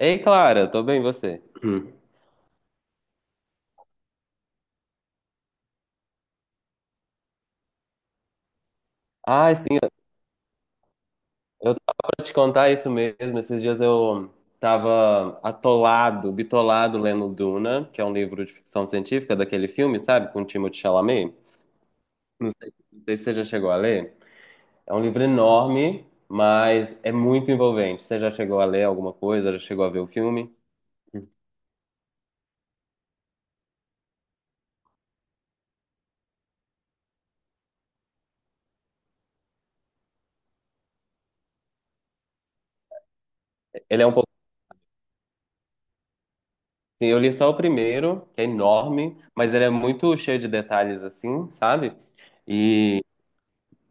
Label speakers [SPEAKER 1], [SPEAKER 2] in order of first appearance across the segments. [SPEAKER 1] Ei, Clara, tô bem, e você? Hum. Ai, sim, eu tava pra te contar isso mesmo. Esses dias eu tava atolado, bitolado lendo Duna, que é um livro de ficção científica daquele filme, sabe? Com Timothée Chalamet. Não sei se você já chegou a ler. É um livro enorme, mas é muito envolvente. Você já chegou a ler alguma coisa? Já chegou a ver o filme? Ele é um pouco assim, eu li só o primeiro, que é enorme, mas ele é muito cheio de detalhes assim, sabe?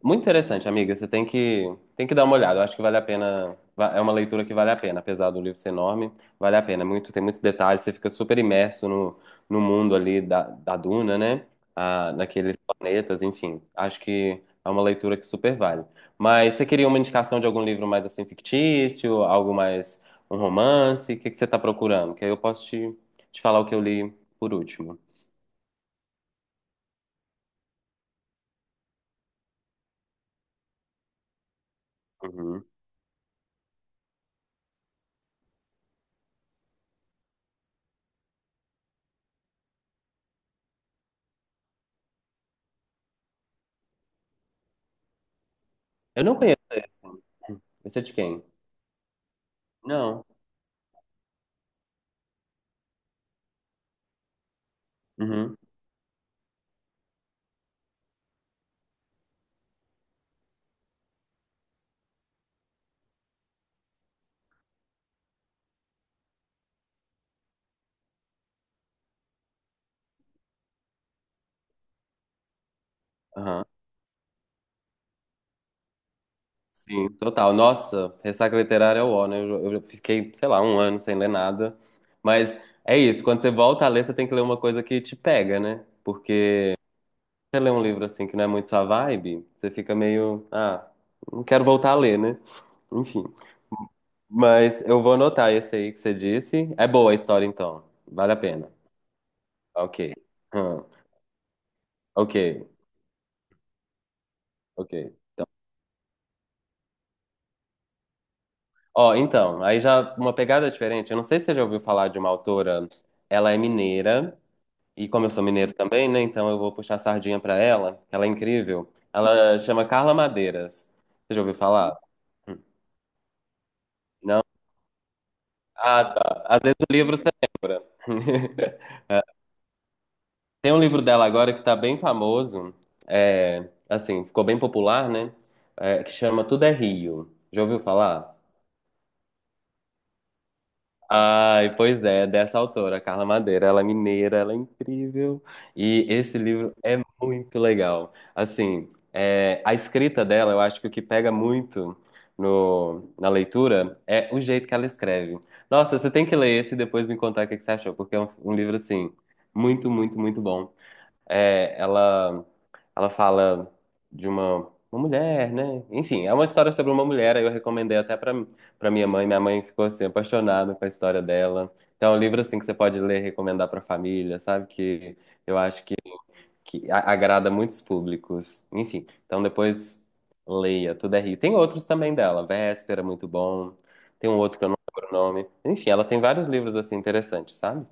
[SPEAKER 1] Muito interessante, amiga. Você tem que dar uma olhada. Eu acho que vale a pena. É uma leitura que vale a pena, apesar do livro ser enorme, vale a pena. Tem muitos detalhes. Você fica super imerso no mundo ali da Duna, né? Ah, naqueles planetas, enfim. Acho que é uma leitura que super vale. Mas você queria uma indicação de algum livro mais assim fictício, algo mais um romance? O que que você está procurando? Que aí eu posso te falar o que eu li por último. Uhum. Eu não conheço esse. Esse é de quem? Não. Uhum. Aham. Sim, total. Nossa, ressaca literária é o ó, né? Eu fiquei, sei lá, um ano sem ler nada. Mas é isso, quando você volta a ler, você tem que ler uma coisa que te pega, né? Porque você lê um livro assim que não é muito sua vibe, você fica meio, ah, não quero voltar a ler, né? Enfim. Mas eu vou anotar esse aí que você disse. É boa a história, então. Vale a pena. Ok. Hum. Ok, ok. Então. Ó, então, aí já uma pegada diferente. Eu não sei se você já ouviu falar de uma autora. Ela é mineira. E como eu sou mineiro também, né? Então eu vou puxar a sardinha pra ela, que ela é incrível. Ela chama Carla Madeiras. Você já ouviu falar? Não? Ah, tá. Às vezes o livro você lembra. É, tem um livro dela agora que tá bem famoso, é, assim, ficou bem popular, né? É, que chama Tudo é Rio. Já ouviu falar? Ai, pois é, dessa autora, Carla Madeira. Ela é mineira, ela é incrível. E esse livro é muito legal. Assim, é, a escrita dela, eu acho que o que pega muito no, na leitura é o jeito que ela escreve. Nossa, você tem que ler esse e depois me contar o que que você achou, porque é um livro, assim, muito, muito, muito bom. É, ela fala de uma mulher, né? Enfim, é uma história sobre uma mulher. Aí eu recomendei até pra para minha mãe. Minha mãe ficou assim apaixonada com a história dela. Então, é um livro assim que você pode ler, e recomendar pra família, sabe? Que eu acho que agrada muitos públicos. Enfim, então depois leia, Tudo é Rio. Tem outros também dela, Véspera, muito bom. Tem um outro que eu não lembro o nome. Enfim, ela tem vários livros assim interessantes, sabe?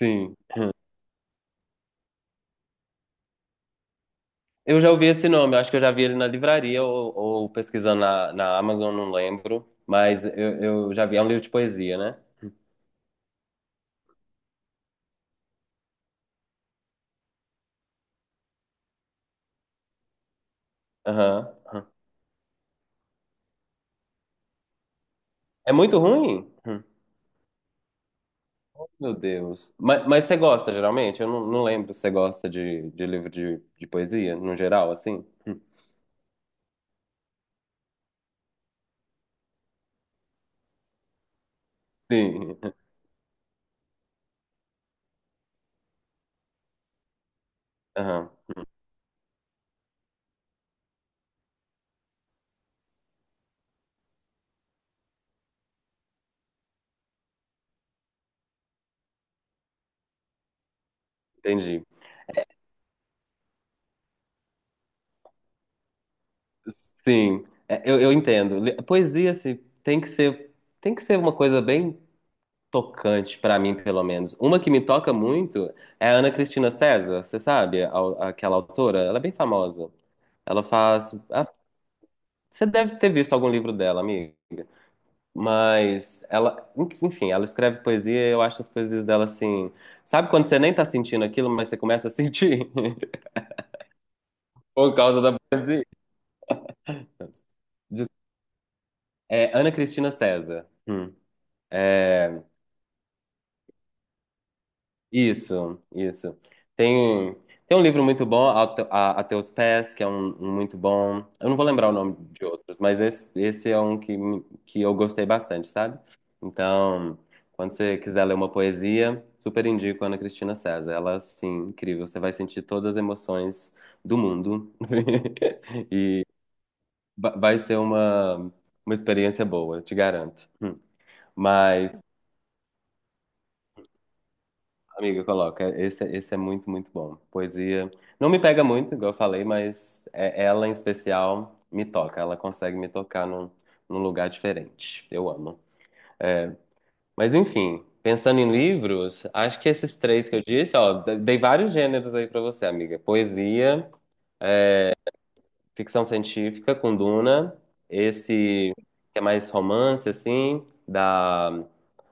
[SPEAKER 1] Sim. Eu já ouvi esse nome, eu acho que eu já vi ele na livraria ou pesquisando na Amazon, não lembro. Mas eu já vi, é um livro de poesia, né? Aham. É muito ruim? Meu Deus. Mas você gosta, geralmente? Eu não lembro se você gosta de livro de poesia, no geral, assim? Sim. Aham, entendi. Sim, é, eu entendo. Poesia, assim, tem que ser, tem que ser uma coisa bem tocante pra mim, pelo menos. Uma que me toca muito é a Ana Cristina César, você sabe? Aquela autora, ela é bem famosa. Ela faz. Ah, você deve ter visto algum livro dela, amigo. Mas ela, enfim, ela escreve poesia e eu acho as poesias dela assim. Sabe quando você nem tá sentindo aquilo, mas você começa a sentir por causa da poesia? É Ana Cristina César. Hum. Isso, isso. Tem, tem um livro muito bom, A Teus Pés, que é um muito bom. Eu não vou lembrar o nome de outros, mas esse é um que eu gostei bastante, sabe? Então, quando você quiser ler uma poesia, super indico Ana Cristina César. Ela, assim, incrível. Você vai sentir todas as emoções do mundo e vai ser uma experiência boa, te garanto. Hum. Mas. Amiga, coloca. Esse é muito, muito bom. Poesia. Não me pega muito, igual eu falei, mas ela em especial me toca. Ela consegue me tocar num lugar diferente. Eu amo. Mas enfim, pensando em livros, acho que esses três que eu disse, ó, dei vários gêneros aí pra você, amiga. Poesia. Ficção científica com Duna, esse que é mais romance, assim, da,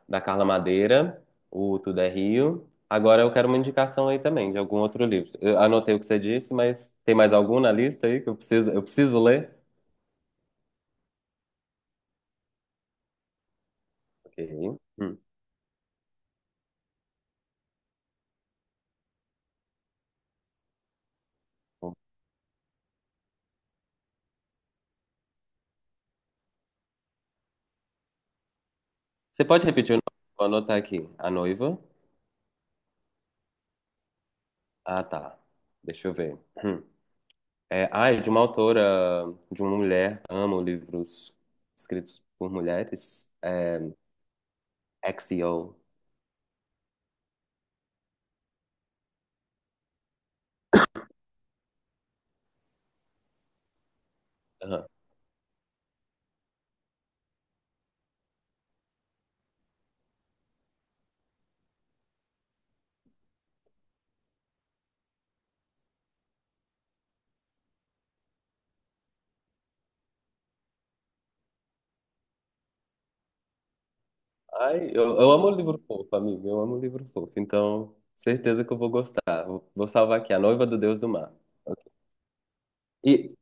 [SPEAKER 1] da Carla Madeira, o Tudo é Rio. Agora eu quero uma indicação aí também de algum outro livro. Eu anotei o que você disse, mas tem mais algum na lista aí que eu preciso ler? Ok. Hum. Você pode repetir o nome? Vou anotar aqui. A Noiva. Ah, tá. Deixa eu ver. Hum. É, ah, é de uma autora, de uma mulher. Amo livros escritos por mulheres. É, Axio. Ai, eu amo livro fofo, amigo. Eu amo livro fofo. Então, certeza que eu vou gostar. Vou salvar aqui, A Noiva do Deus do Mar. E,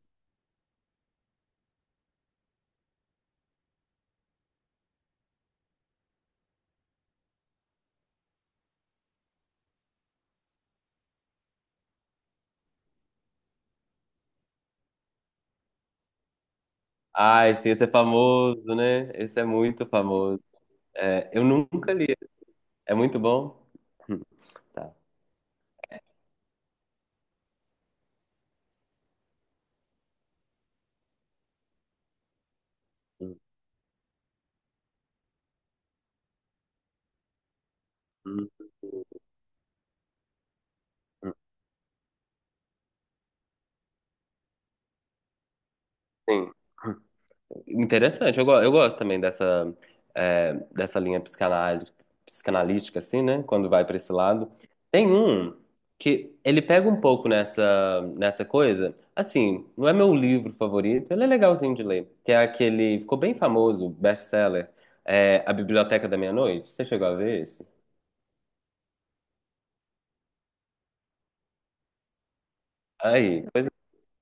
[SPEAKER 1] ai, sim, esse é famoso, né? Esse é muito famoso. É, eu nunca li. É muito bom? Hum, Tá. Hum, hum, hum. Sim. Interessante, eu gosto também dessa linha psicanalítica, assim, né? Quando vai para esse lado. Tem um que ele pega um pouco nessa coisa, assim, não é meu livro favorito, ele é legalzinho de ler, que é aquele, ficou bem famoso, best-seller, é, A Biblioteca da Meia-Noite. Você chegou a ver esse? Aí.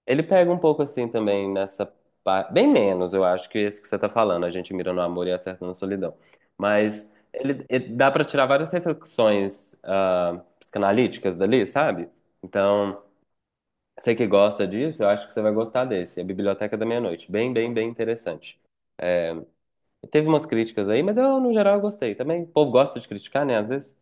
[SPEAKER 1] Ele pega um pouco assim também nessa parte. Bem menos, eu acho, que esse que você tá falando. A gente mira no amor e acerta na solidão. Mas ele dá pra tirar várias reflexões psicanalíticas dali, sabe? Então, você que gosta disso, eu acho que você vai gostar desse. É a Biblioteca da Meia-Noite. Bem, bem, bem interessante. Teve umas críticas aí, mas eu, no geral, eu gostei também. O povo gosta de criticar, né? Às vezes.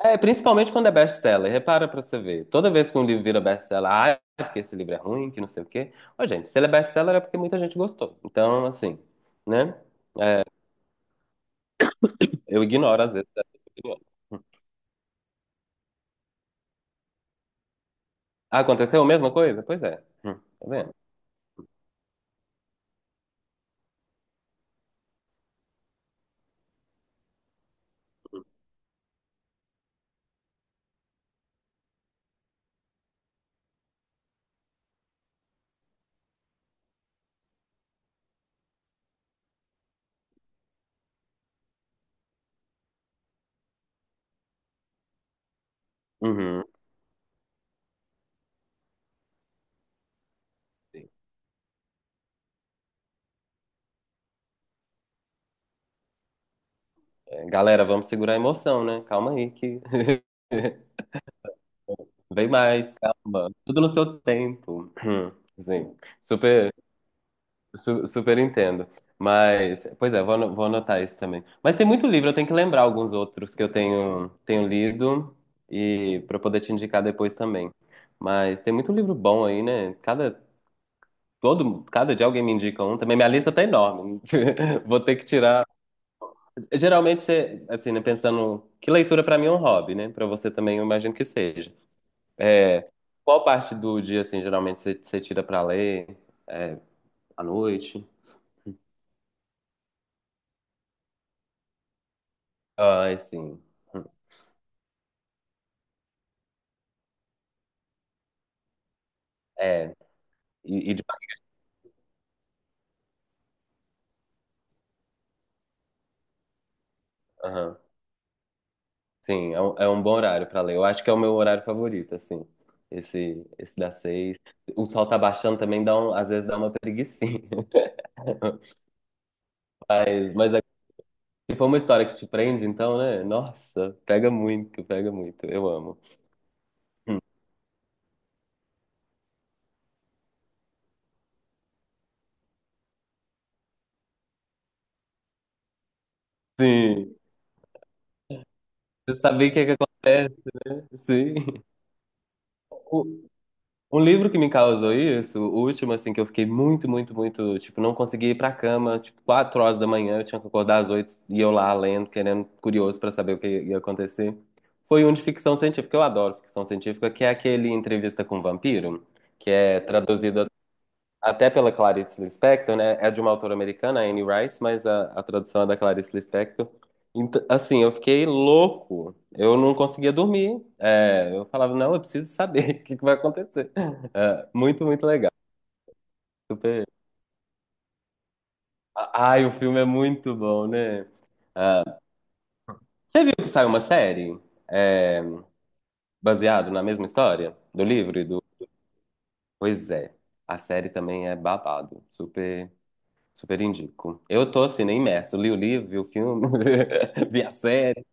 [SPEAKER 1] É, principalmente quando é best-seller. Repara pra você ver. Toda vez que um livro vira best-seller, ah, é porque esse livro é ruim, que não sei o quê. Ô, gente, se ele é best-seller é porque muita gente gostou. Então, assim, né? Eu ignoro às vezes essa opinião. Ah, aconteceu a mesma coisa? Pois é. Tá vendo? Uhum. É, galera, vamos segurar a emoção, né? Calma aí que vem mais, calma. Tudo no seu tempo. Assim, super super entendo. Mas, pois é, vou anotar isso também. Mas tem muito livro, eu tenho que lembrar alguns outros que eu tenho lido e para poder te indicar depois também. Mas tem muito livro bom aí, né? Cada dia alguém me indica um também. Minha lista tá enorme. Vou ter que tirar. Geralmente você, assim, né, pensando que leitura para mim é um hobby, né? Para você também eu imagino que seja. Qual parte do dia, assim, geralmente você tira para ler? É, à noite? Ah, sim. Hum. É. E aham. Sim, é um bom horário pra ler. Eu acho que é o meu horário favorito, assim. Esse das 6. O sol tá baixando também, às vezes dá uma preguicinha. Mas se for uma história que te prende, então, né? Nossa, pega muito, pega muito. Eu amo. Sim. Você saber o que é que acontece. Sim. Um livro que me causou isso, o último, assim, que eu fiquei muito, muito, muito, tipo, não consegui ir pra cama, tipo, 4 horas da manhã, eu tinha que acordar às 8 e eu lá lendo, querendo, curioso pra saber o que ia acontecer. Foi um de ficção científica, eu adoro ficção científica, que é aquele Entrevista com o Vampiro, que é traduzido até pela Clarice Lispector, né? É de uma autora americana, Anne Rice, mas a tradução é da Clarice Lispector. Então, assim, eu fiquei louco. Eu não conseguia dormir. É, eu falava, não, eu preciso saber o que que vai acontecer. É, muito, muito legal. Super. Ai, o filme é muito bom, né? Você viu que saiu uma série, é, baseado na mesma história do livro e do. Pois é, a série também é babado. Super. Super indico. Eu tô assim, nem imerso. Li o livro, vi o filme, vi a série.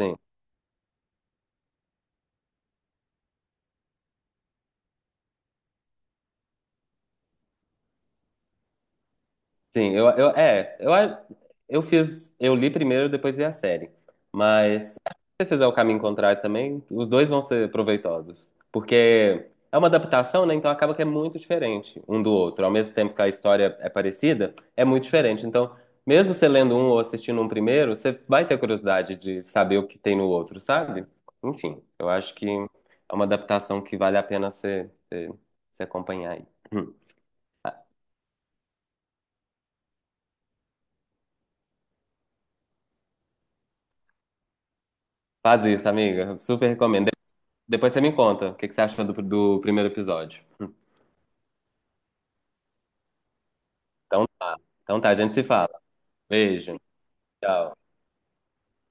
[SPEAKER 1] Sim. Sim, eu é, eu fiz, eu li primeiro, depois vi a série. Mas se você fizer o caminho contrário também, os dois vão ser proveitosos, porque é uma adaptação, né? Então acaba que é muito diferente um do outro. Ao mesmo tempo que a história é parecida, é muito diferente. Então, mesmo você lendo um ou assistindo um primeiro, você vai ter curiosidade de saber o que tem no outro, sabe? Enfim, eu acho que é uma adaptação que vale a pena você acompanhar aí. Hum. Faz isso, amiga. Super recomendo. Depois você me conta o que que você achou do primeiro episódio. Então tá. Então tá, a gente se fala. Beijo. Tchau.